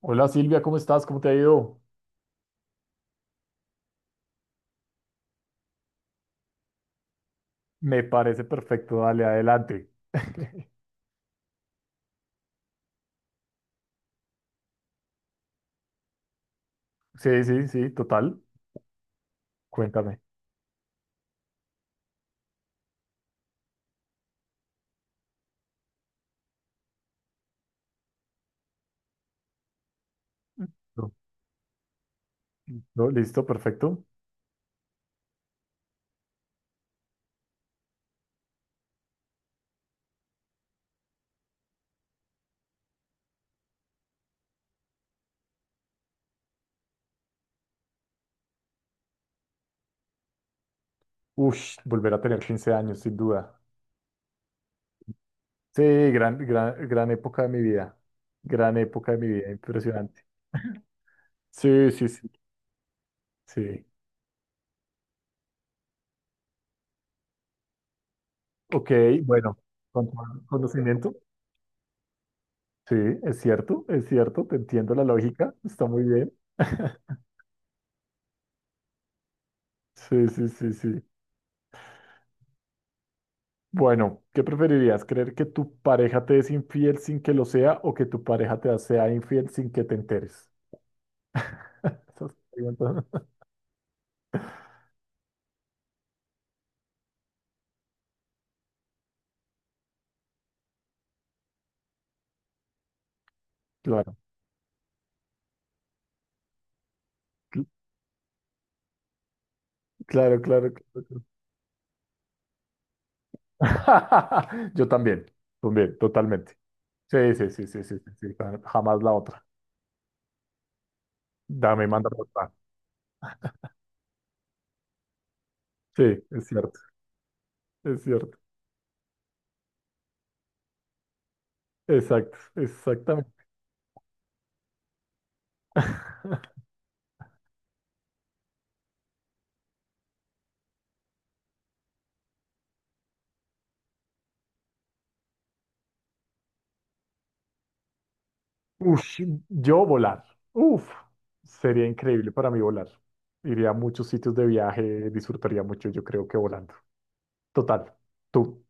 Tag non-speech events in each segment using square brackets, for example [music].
Hola Silvia, ¿cómo estás? ¿Cómo te ha ido? Me parece perfecto, dale, adelante. [laughs] Sí, sí, sí, total. Cuéntame. No, no, listo, perfecto. Ush, volver a tener 15 años, sin duda. Sí, gran época de mi vida. Gran época de mi vida, impresionante. Sí, sí, sí, sí. Ok, bueno, con todo conocimiento. Sí, es cierto, te entiendo la lógica, está muy bien. [laughs] Sí, sí, sí, sí. Bueno, ¿qué preferirías? ¿Creer que tu pareja te es infiel sin que lo sea o que tu pareja te sea infiel sin que te enteres? Esas preguntas- [laughs] Claro, cl- claro, claro, claro. Claro. [laughs] Yo también, también, totalmente. Sí, sí, sí, sí, sí, sí, sí, jamás la otra. Dame, manda la otra. Sí, es cierto, es cierto. Exacto, exactamente. Ush, yo volar. Uf, sería increíble para mí volar. Iría a muchos sitios de viaje, disfrutaría mucho, yo creo que volando. Total, tú.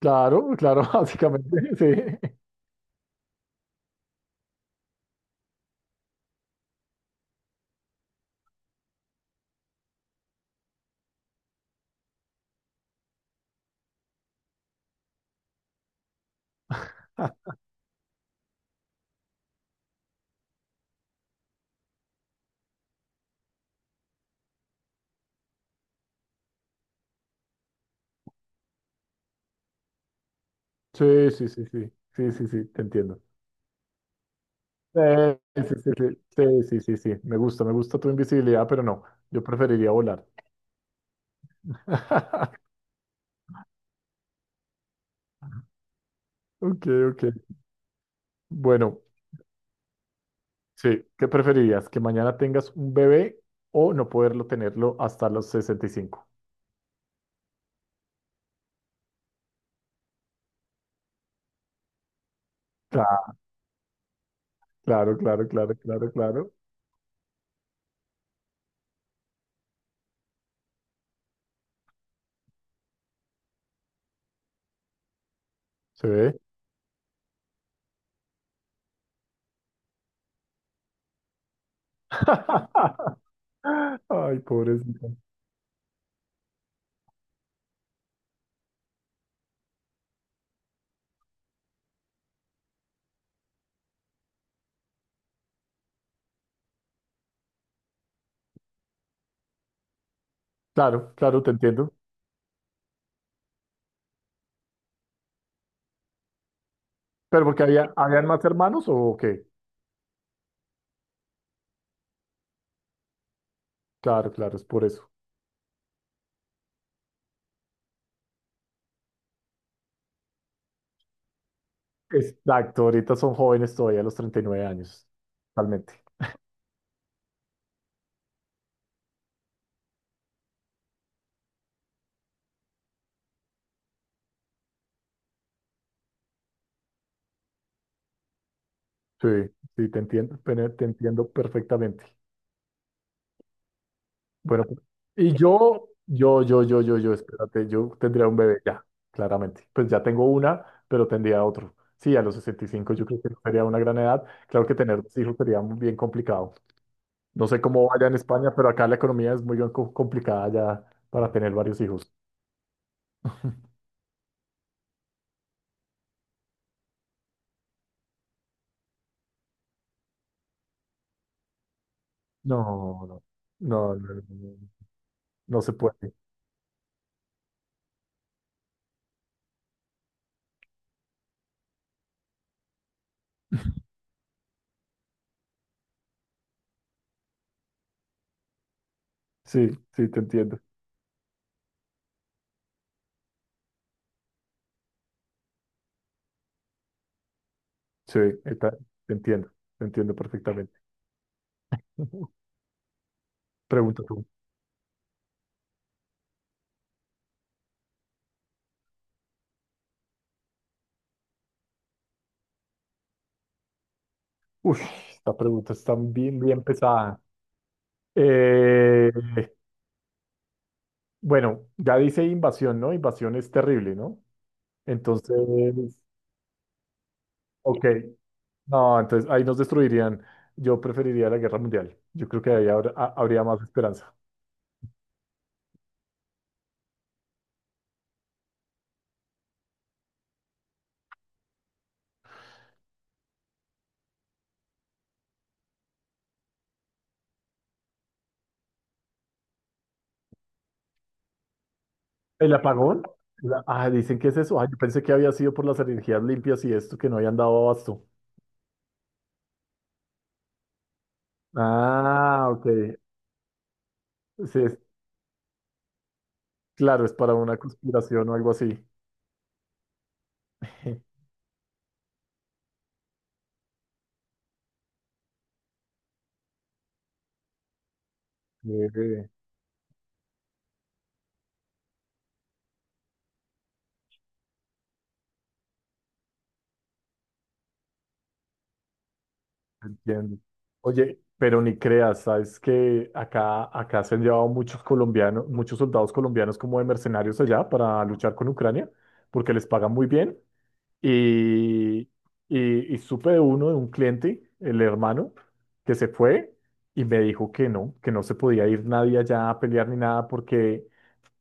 Claro, claro, [laughs] básicamente, sí. Sí, sí, sí, sí, sí, sí, sí, te entiendo. Sí, sí, sí, sí, sí, sí, sí, sí, me gusta tu invisibilidad, pero no, yo preferiría volar. [laughs] Ok, ok. Bueno, sí, ¿qué preferirías? ¿Que mañana tengas un bebé o no poderlo tenerlo hasta los 65? Claro, claro, claro, claro, claro, claro. ¿Se ve? [laughs] Ay, pobrecito. Claro, claro, te entiendo. ¿Pero porque habían más hermanos o qué? Claro, claro, es por eso. Exacto, ahorita son jóvenes todavía a los 39 años, totalmente. Sí, sí, te entiendo, pero te entiendo perfectamente. Bueno, pues, y yo, espérate, yo tendría un bebé ya, claramente. Pues ya tengo una, pero tendría otro. Sí, a los 65, yo creo que no sería una gran edad. Claro que tener dos hijos sería muy bien complicado. No sé cómo vaya en España, pero acá la economía es muy complicada ya para tener varios hijos. [laughs] No, no, no, no, no, no no se puede. Sí, sí, te entiendo. Sí, está, te entiendo, te entiendo perfectamente. [laughs] Pregunta tú. Uf, esta pregunta está bien, bien pesada. Eh, bueno, ya dice invasión, ¿no? Invasión es terrible, ¿no? Entonces, ok. No, entonces ahí nos destruirían. Yo preferiría la guerra mundial. Yo creo que ahí habría más esperanza. ¿El apagón? Ah, dicen que es eso. Ah, yo pensé que había sido por las energías limpias y esto, que no habían dado abasto. Ah, ok. Sí, claro, es para una conspiración o algo así. [laughs] Eh, entiendo. Oye, pero ni creas, sabes que acá se han llevado muchos colombianos, muchos soldados colombianos como de mercenarios allá para luchar con Ucrania, porque les pagan muy bien. Y, y, y supe de uno, de un cliente, el hermano, que se fue y me dijo que no se podía ir nadie allá a pelear ni nada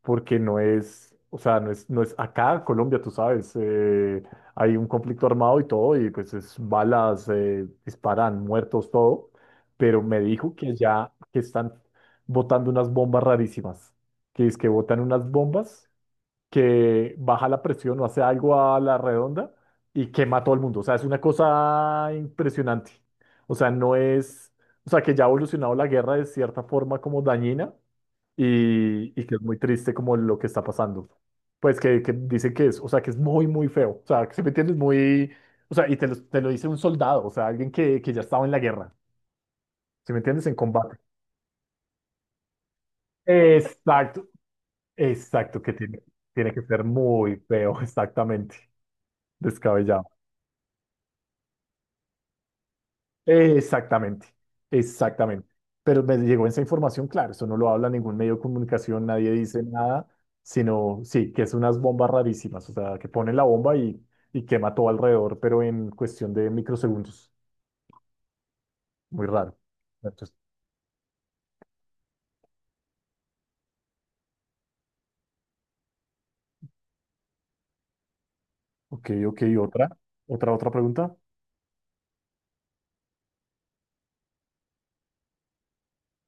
porque no es, o sea, no es, no es acá en Colombia, tú sabes, hay un conflicto armado y todo, y pues es balas, disparan, muertos, todo, pero me dijo que ya que están botando unas bombas rarísimas, que es que botan unas bombas que baja la presión o hace algo a la redonda y quema a todo el mundo, o sea, es una cosa impresionante, o sea, no es, o sea, que ya ha evolucionado la guerra de cierta forma como dañina y que es muy triste como lo que está pasando. Pues que dice que es, o sea, que es muy, muy feo. O sea, que si me entiendes, muy, o sea, y te lo dice un soldado, o sea, alguien que ya estaba en la guerra, si me entiendes, en combate. Exacto, exacto, que tiene, tiene que ser muy feo, [laughs] exactamente, descabellado. Exactamente, exactamente. Pero me llegó esa información, claro, eso no lo habla ningún medio de comunicación, nadie dice nada, sino, sí, que es unas bombas rarísimas, o sea, que ponen la bomba y quema todo alrededor, pero en cuestión de microsegundos. Muy raro. Entonces, ok, ok, otra pregunta.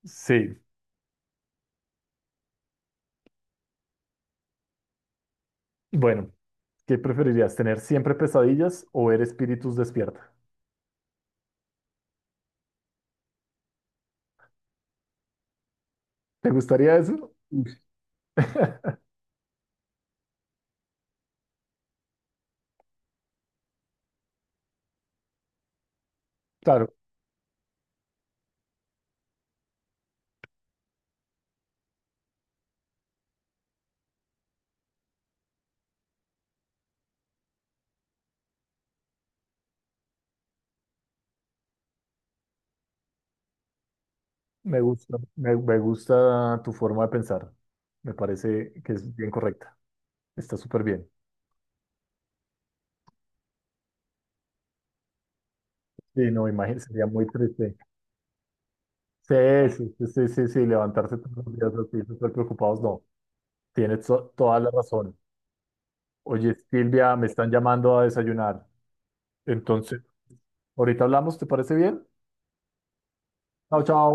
Sí, bueno, ¿qué preferirías, tener siempre pesadillas o ver espíritus despierta? ¿Te gustaría eso? Uy. [laughs] Claro, me gusta, me gusta tu forma de pensar. Me parece que es bien correcta. Está súper bien. Sí, no, imagínate, sería muy triste. Sí, sí, sí, sí, sí, sí, levantarse todos los días así, súper preocupados, no. Tienes toda la razón. Oye, Silvia, me están llamando a desayunar. Entonces, ahorita hablamos, ¿te parece bien? Chao, chao.